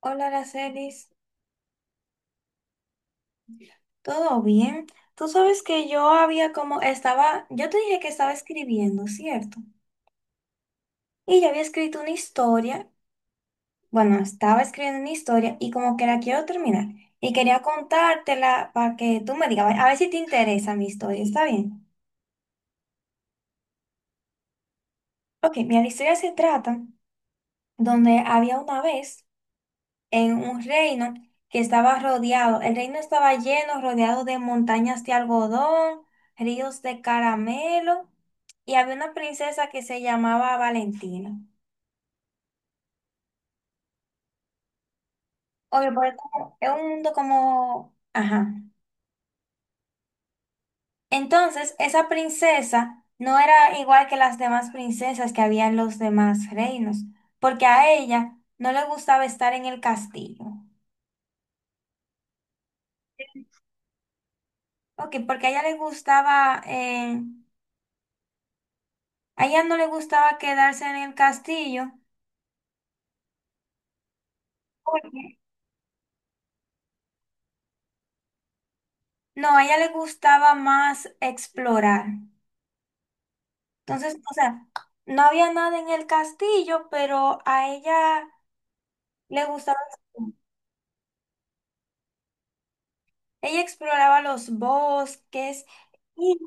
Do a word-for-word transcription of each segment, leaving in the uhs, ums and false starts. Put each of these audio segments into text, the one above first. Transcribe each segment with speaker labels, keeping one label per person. Speaker 1: Hola, Aracelis, ¿todo bien? Tú sabes que yo había como estaba, yo te dije que estaba escribiendo, ¿cierto? Y yo había escrito una historia, bueno, estaba escribiendo una historia y como que la quiero terminar. Y quería contártela para que tú me digas, a ver si te interesa mi historia, ¿está bien? Ok, mira, la historia se trata donde había una vez en un reino que estaba rodeado. El reino estaba lleno, rodeado de montañas de algodón, ríos de caramelo, y había una princesa que se llamaba Valentina. Obvio, porque como- es un mundo como... Ajá. Entonces, esa princesa no era igual que las demás princesas que había en los demás reinos, porque a ella no le gustaba estar en el castillo. Ok, porque a ella le gustaba, eh, a ella no le gustaba quedarse en el castillo. Oye, no, a ella le gustaba más explorar. Entonces, o sea, no había nada en el castillo, pero a ella le gustaba explorar. Ella exploraba los bosques y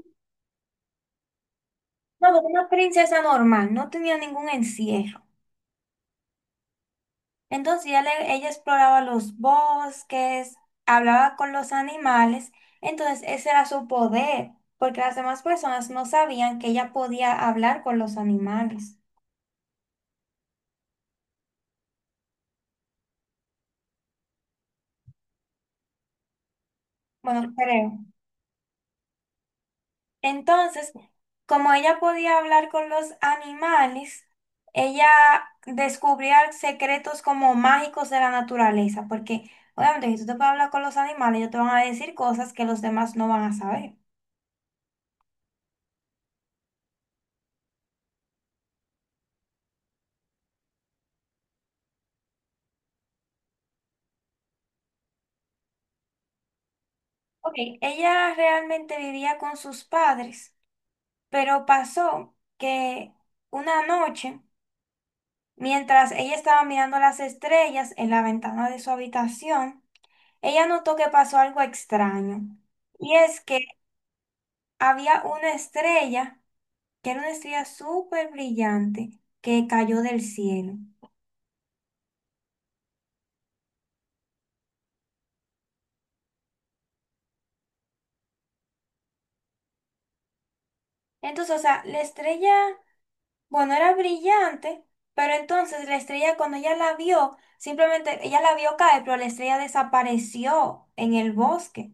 Speaker 1: no, era una princesa normal, no tenía ningún encierro. Entonces ella, le- ella exploraba los bosques, hablaba con los animales. Entonces ese era su poder, porque las demás personas no sabían que ella podía hablar con los animales. Bueno, creo. Entonces, como ella podía hablar con los animales, ella descubría secretos como mágicos de la naturaleza, porque obviamente si tú te puedes hablar con los animales, ellos te van a decir cosas que los demás no van a saber. Ok, ella realmente vivía con sus padres, pero pasó que una noche, mientras ella estaba mirando las estrellas en la ventana de su habitación, ella notó que pasó algo extraño. Y es que había una estrella, que era una estrella súper brillante, que cayó del cielo. Entonces, o sea, la estrella, bueno, era brillante, pero entonces la estrella cuando ella la vio, simplemente ella la vio caer, pero la estrella desapareció en el bosque.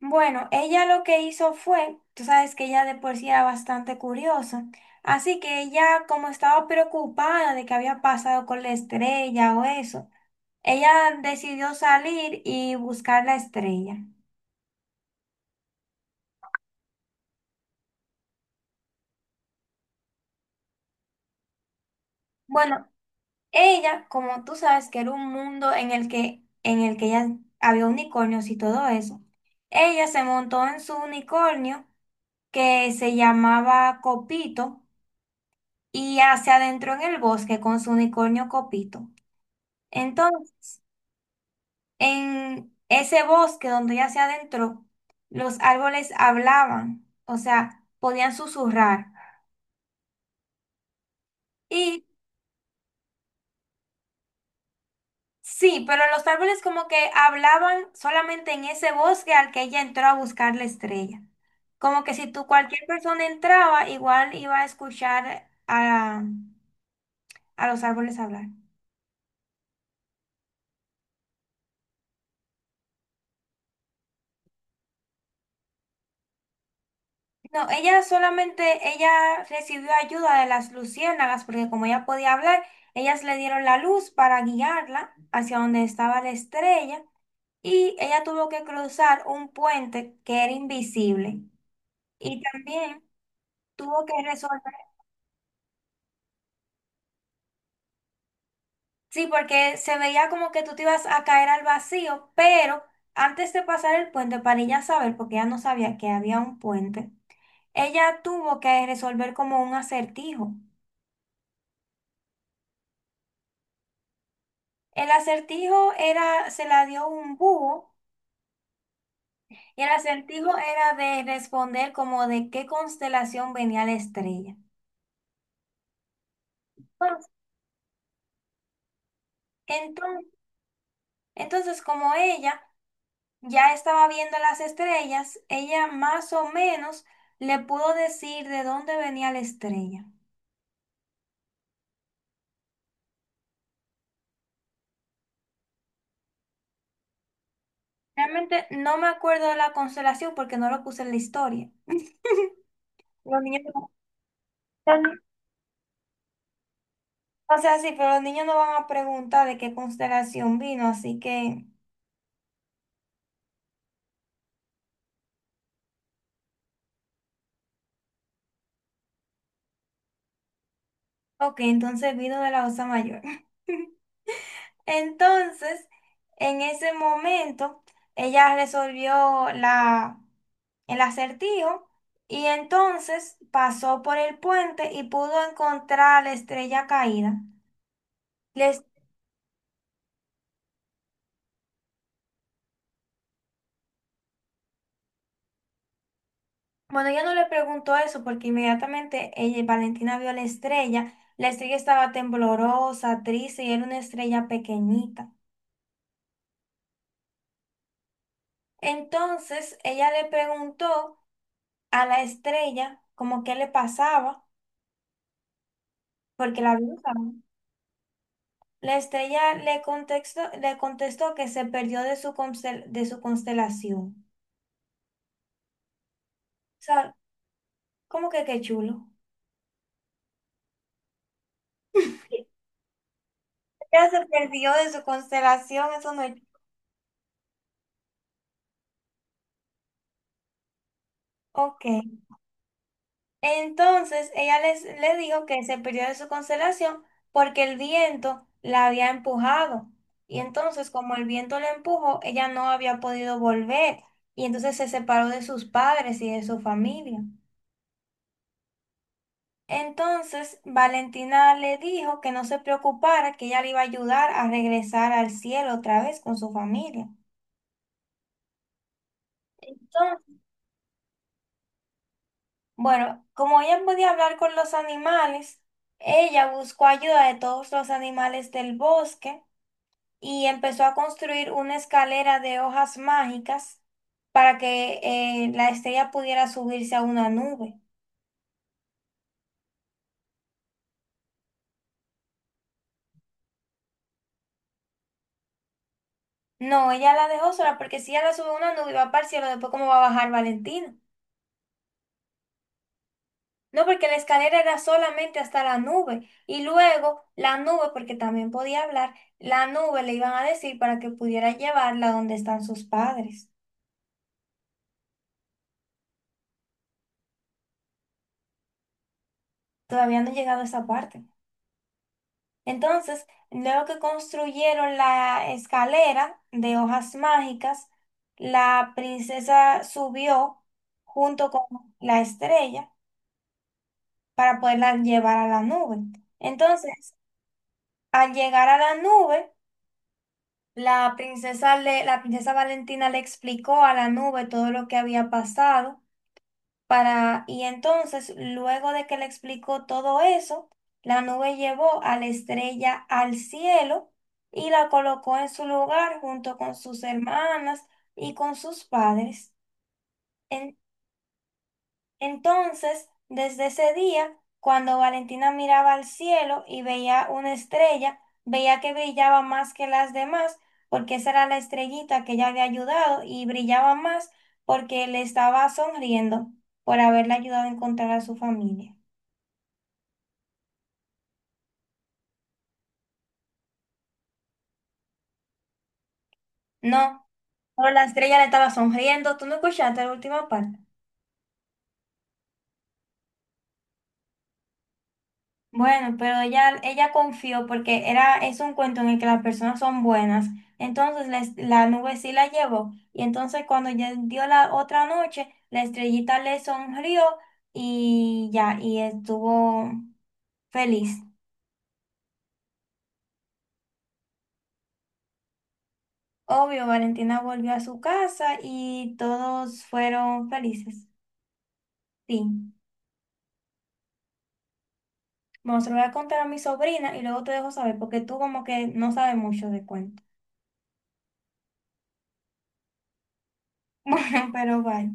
Speaker 1: Bueno, ella lo que hizo fue, tú sabes que ella de por sí era bastante curiosa, así que ella como estaba preocupada de qué había pasado con la estrella o eso, ella decidió salir y buscar la estrella. Bueno, ella, como tú sabes, que era un mundo en el que, en el que ya había unicornios y todo eso. Ella se montó en su unicornio que se llamaba Copito y ah, se adentró en el bosque con su unicornio Copito. Entonces, en ese bosque donde ella se adentró, los árboles hablaban, o sea, podían susurrar. Y sí, pero los árboles como que hablaban solamente en ese bosque al que ella entró a buscar la estrella. Como que si tú cualquier persona entraba, igual iba a escuchar a, a los árboles hablar. No, ella solamente, ella recibió ayuda de las luciérnagas porque como ella podía hablar, ellas le dieron la luz para guiarla hacia donde estaba la estrella y ella tuvo que cruzar un puente que era invisible y también tuvo que resolver. Sí, porque se veía como que tú te ibas a caer al vacío, pero antes de pasar el puente, para ella saber, porque ella no sabía que había un puente, ella tuvo que resolver como un acertijo. El acertijo era, se la dio un búho, y el acertijo era de responder como de qué constelación venía la estrella. Entonces, enton- entonces, como ella ya estaba viendo las estrellas, ella más o menos le pudo decir de dónde venía la estrella. Realmente no me acuerdo de la constelación porque no lo puse en la historia. Los niños, no- o sea, sí, pero los niños no van a preguntar de qué constelación vino, así que, ok, entonces vino de la Osa Mayor. Entonces, en ese momento, ella resolvió la, el acertijo y entonces pasó por el puente y pudo encontrar la estrella caída. La... Bueno, ella no le preguntó eso porque inmediatamente ella, Valentina vio a la estrella. La estrella estaba temblorosa, triste y era una estrella pequeñita. Entonces ella le preguntó a la estrella como qué le pasaba porque la vio, ¿no? La estrella le contestó, le contestó que se perdió de su, constel- de su constelación. O sea, ¿cómo que qué chulo? Ella se perdió de su constelación, eso no es... Ok. Entonces ella les, le dijo que se perdió de su constelación porque el viento la había empujado. Y entonces, como el viento la empujó, ella no había podido volver. Y entonces se separó de sus padres y de su familia. Entonces, Valentina le dijo que no se preocupara, que ella le iba a ayudar a regresar al cielo otra vez con su familia. Entonces, bueno, como ella podía hablar con los animales, ella buscó ayuda de todos los animales del bosque y empezó a construir una escalera de hojas mágicas para que eh, la estrella pudiera subirse a una nube. No, ella la dejó sola porque si ella la sube a una nube y va para el cielo, después cómo va a bajar Valentina. No, porque la escalera era solamente hasta la nube y luego la nube, porque también podía hablar, la nube le iban a decir para que pudiera llevarla donde están sus padres. Todavía no he llegado a esa parte. Entonces, luego que construyeron la escalera de hojas mágicas, la princesa subió junto con la estrella para poderla llevar a la nube. Entonces, al llegar a la nube, la princesa le, la princesa Valentina le explicó a la nube todo lo que había pasado. Para, y entonces, luego de que le explicó todo eso, la nube llevó a la estrella al cielo y la colocó en su lugar junto con sus hermanas y con sus padres. Entonces, desde ese día, cuando Valentina miraba al cielo y veía una estrella, veía que brillaba más que las demás, porque esa era la estrellita que ella había ayudado y brillaba más porque le estaba sonriendo por haberle ayudado a encontrar a su familia. No, pero la estrella le estaba sonriendo. ¿Tú no escuchaste la última parte? Bueno, pero ella, ella confió porque era, es un cuento en el que las personas son buenas. Entonces les- la nube sí la llevó. Y entonces cuando ya dio la otra noche, la estrellita le sonrió y ya, y estuvo feliz. Obvio, Valentina volvió a su casa y todos fueron felices. Fin. Bueno, se lo voy a contar a mi sobrina y luego te dejo saber porque tú como que no sabes mucho de cuento. Bueno, pero vaya.